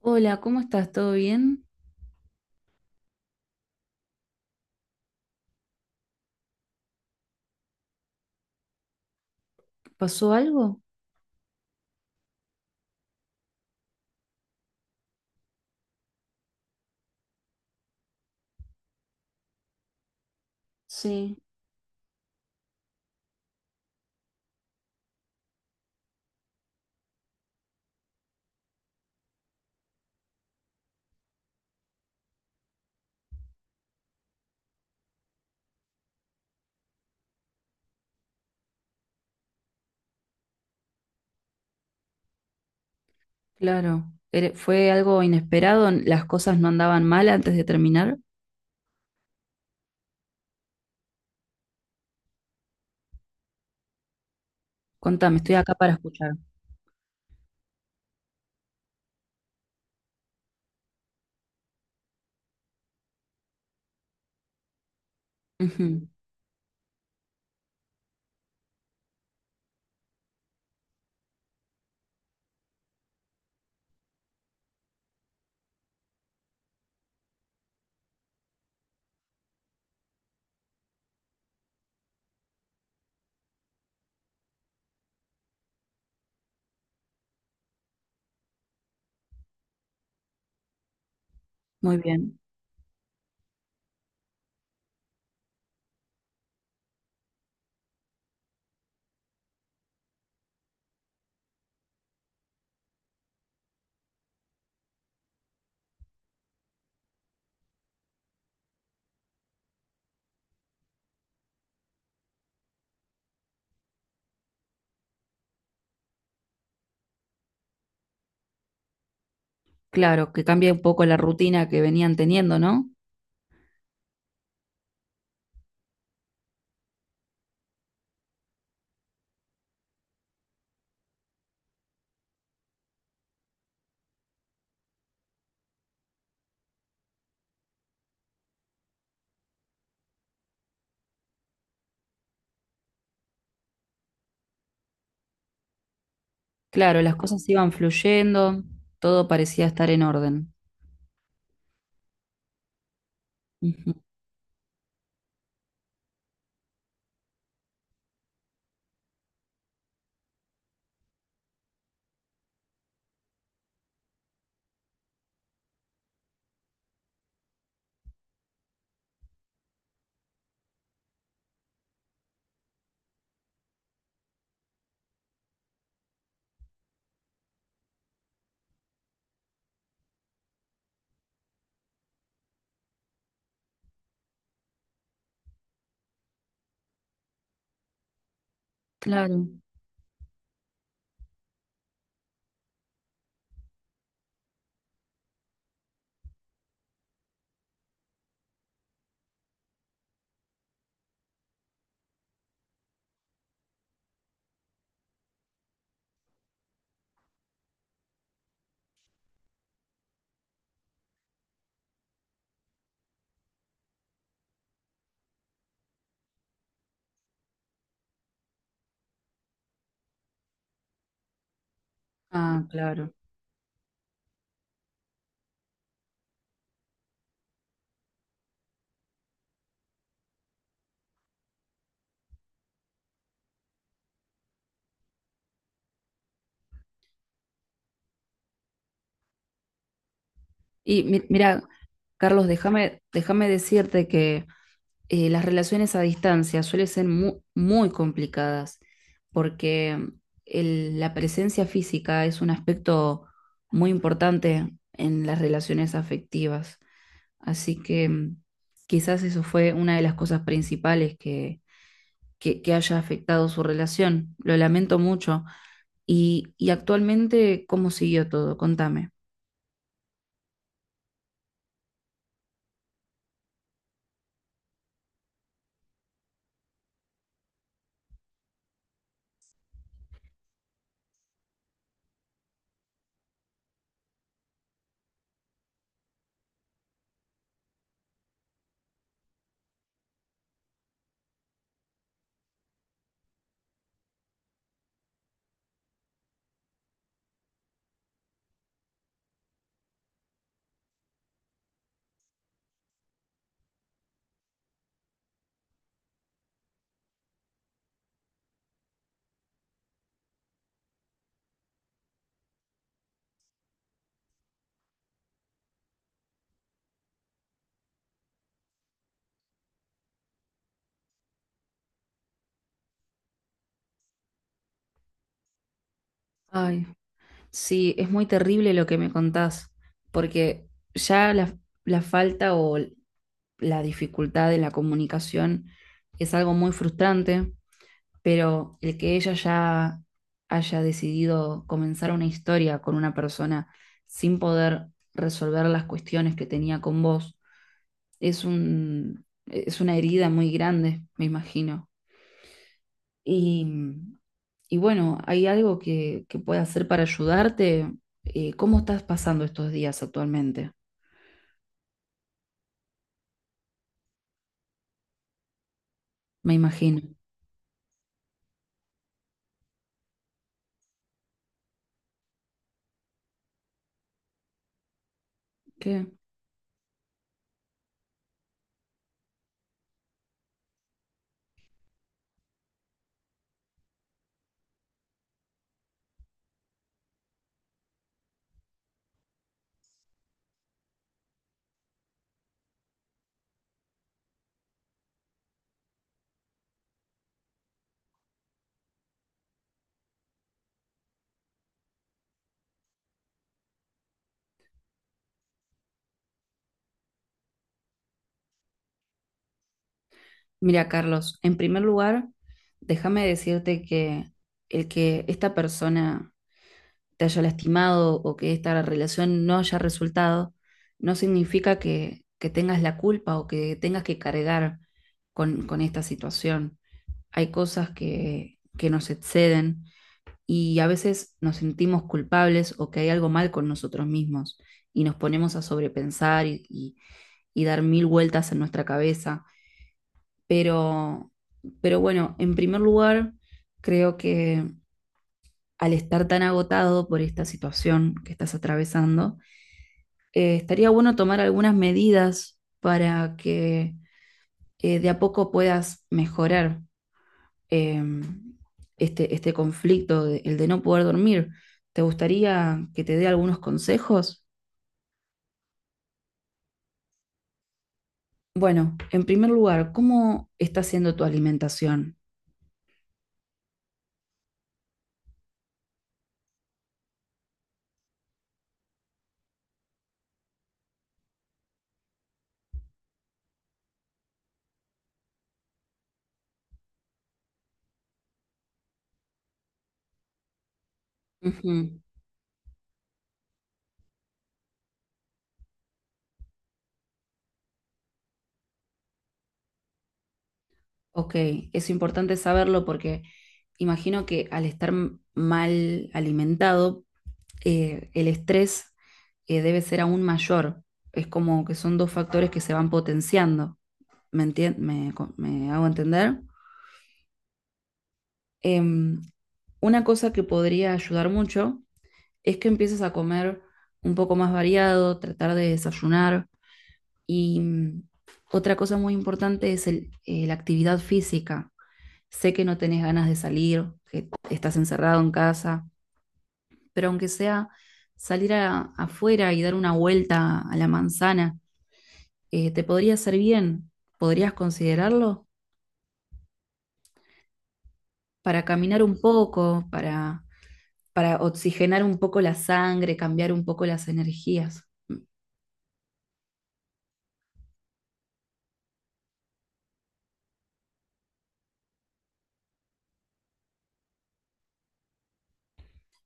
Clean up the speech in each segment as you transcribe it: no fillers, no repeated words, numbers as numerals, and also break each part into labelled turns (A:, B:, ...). A: Hola, ¿cómo estás? ¿Todo bien? ¿Pasó algo? Sí, claro. ¿Fue algo inesperado? ¿Las cosas no andaban mal antes de terminar? Contame, estoy acá para escuchar. Ujú. Muy bien. Claro, que cambia un poco la rutina que venían teniendo, ¿no? Claro, las cosas iban fluyendo, todo parecía estar en orden. Ujú. Claro. Ah, claro. Mira, Carlos, déjame decirte que las relaciones a distancia suelen ser muy complicadas porque la presencia física es un aspecto muy importante en las relaciones afectivas. Así que quizás eso fue una de las cosas principales que haya afectado su relación. Lo lamento mucho. Y actualmente, ¿cómo siguió todo? Contame. Ay, sí, es muy terrible lo que me contás, porque ya la falta o la dificultad de la comunicación es algo muy frustrante, pero el que ella ya haya decidido comenzar una historia con una persona sin poder resolver las cuestiones que tenía con vos, es una herida muy grande, me imagino. Y, y bueno, ¿hay algo que pueda hacer para ayudarte? ¿Cómo estás pasando estos días actualmente? Me imagino. ¿Qué? Mira, Carlos, en primer lugar, déjame decirte que el que esta persona te haya lastimado o que esta relación no haya resultado, no significa que tengas la culpa o que tengas que cargar con esta situación. Hay cosas que nos exceden y a veces nos sentimos culpables o que hay algo mal con nosotros mismos y nos ponemos a sobrepensar y dar mil vueltas en nuestra cabeza pero, pero bueno, en primer lugar, creo que al estar tan agotado por esta situación que estás atravesando, estaría bueno tomar algunas medidas para que de a poco puedas mejorar eh, este, este conflicto, el de no poder dormir. ¿Te gustaría que te dé algunos consejos? Bueno, en primer lugar, ¿cómo está siendo tu alimentación? Ujú. Ok, es importante saberlo porque imagino que al estar mal alimentado, el estrés debe ser aún mayor. Es como que son dos factores que se van potenciando. ¿Me entien- me, co- me hago entender? Em, una cosa que podría ayudar mucho es que empieces a comer un poco más variado, tratar de desayunar. Y otra cosa muy importante es la actividad física. Sé que no tenés ganas de salir, que estás encerrado en casa, pero aunque sea salir afuera y dar una vuelta a la manzana, te podría hacer bien. ¿Podrías considerarlo? Para caminar un poco, para oxigenar un poco la sangre, cambiar un poco las energías.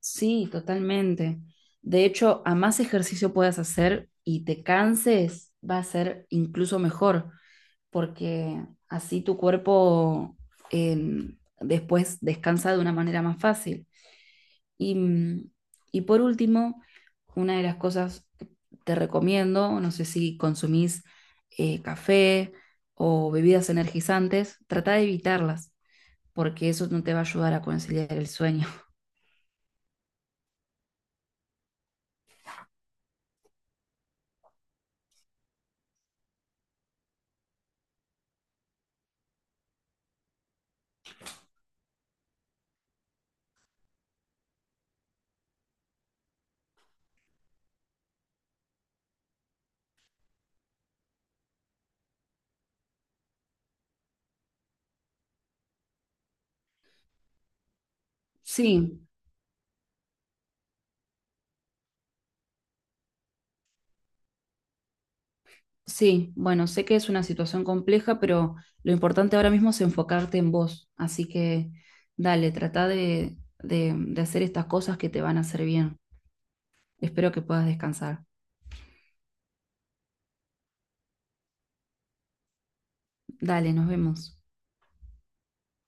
A: Sí, totalmente. De hecho, a más ejercicio puedas hacer y te canses, va a ser incluso mejor, porque así tu cuerpo eh, después descansa de una manera más fácil. Y, mm, y por último, una de las cosas que te recomiendo, no sé si consumís café o bebidas energizantes, trata de evitarlas, porque eso no te va a ayudar a conciliar el sueño. Sí. Sí, bueno, sé que es una situación compleja, pero lo importante ahora mismo es enfocarte en vos. Así que dale, trata de hacer estas cosas que te van a hacer bien. Espero que puedas descansar. Dale, nos vemos.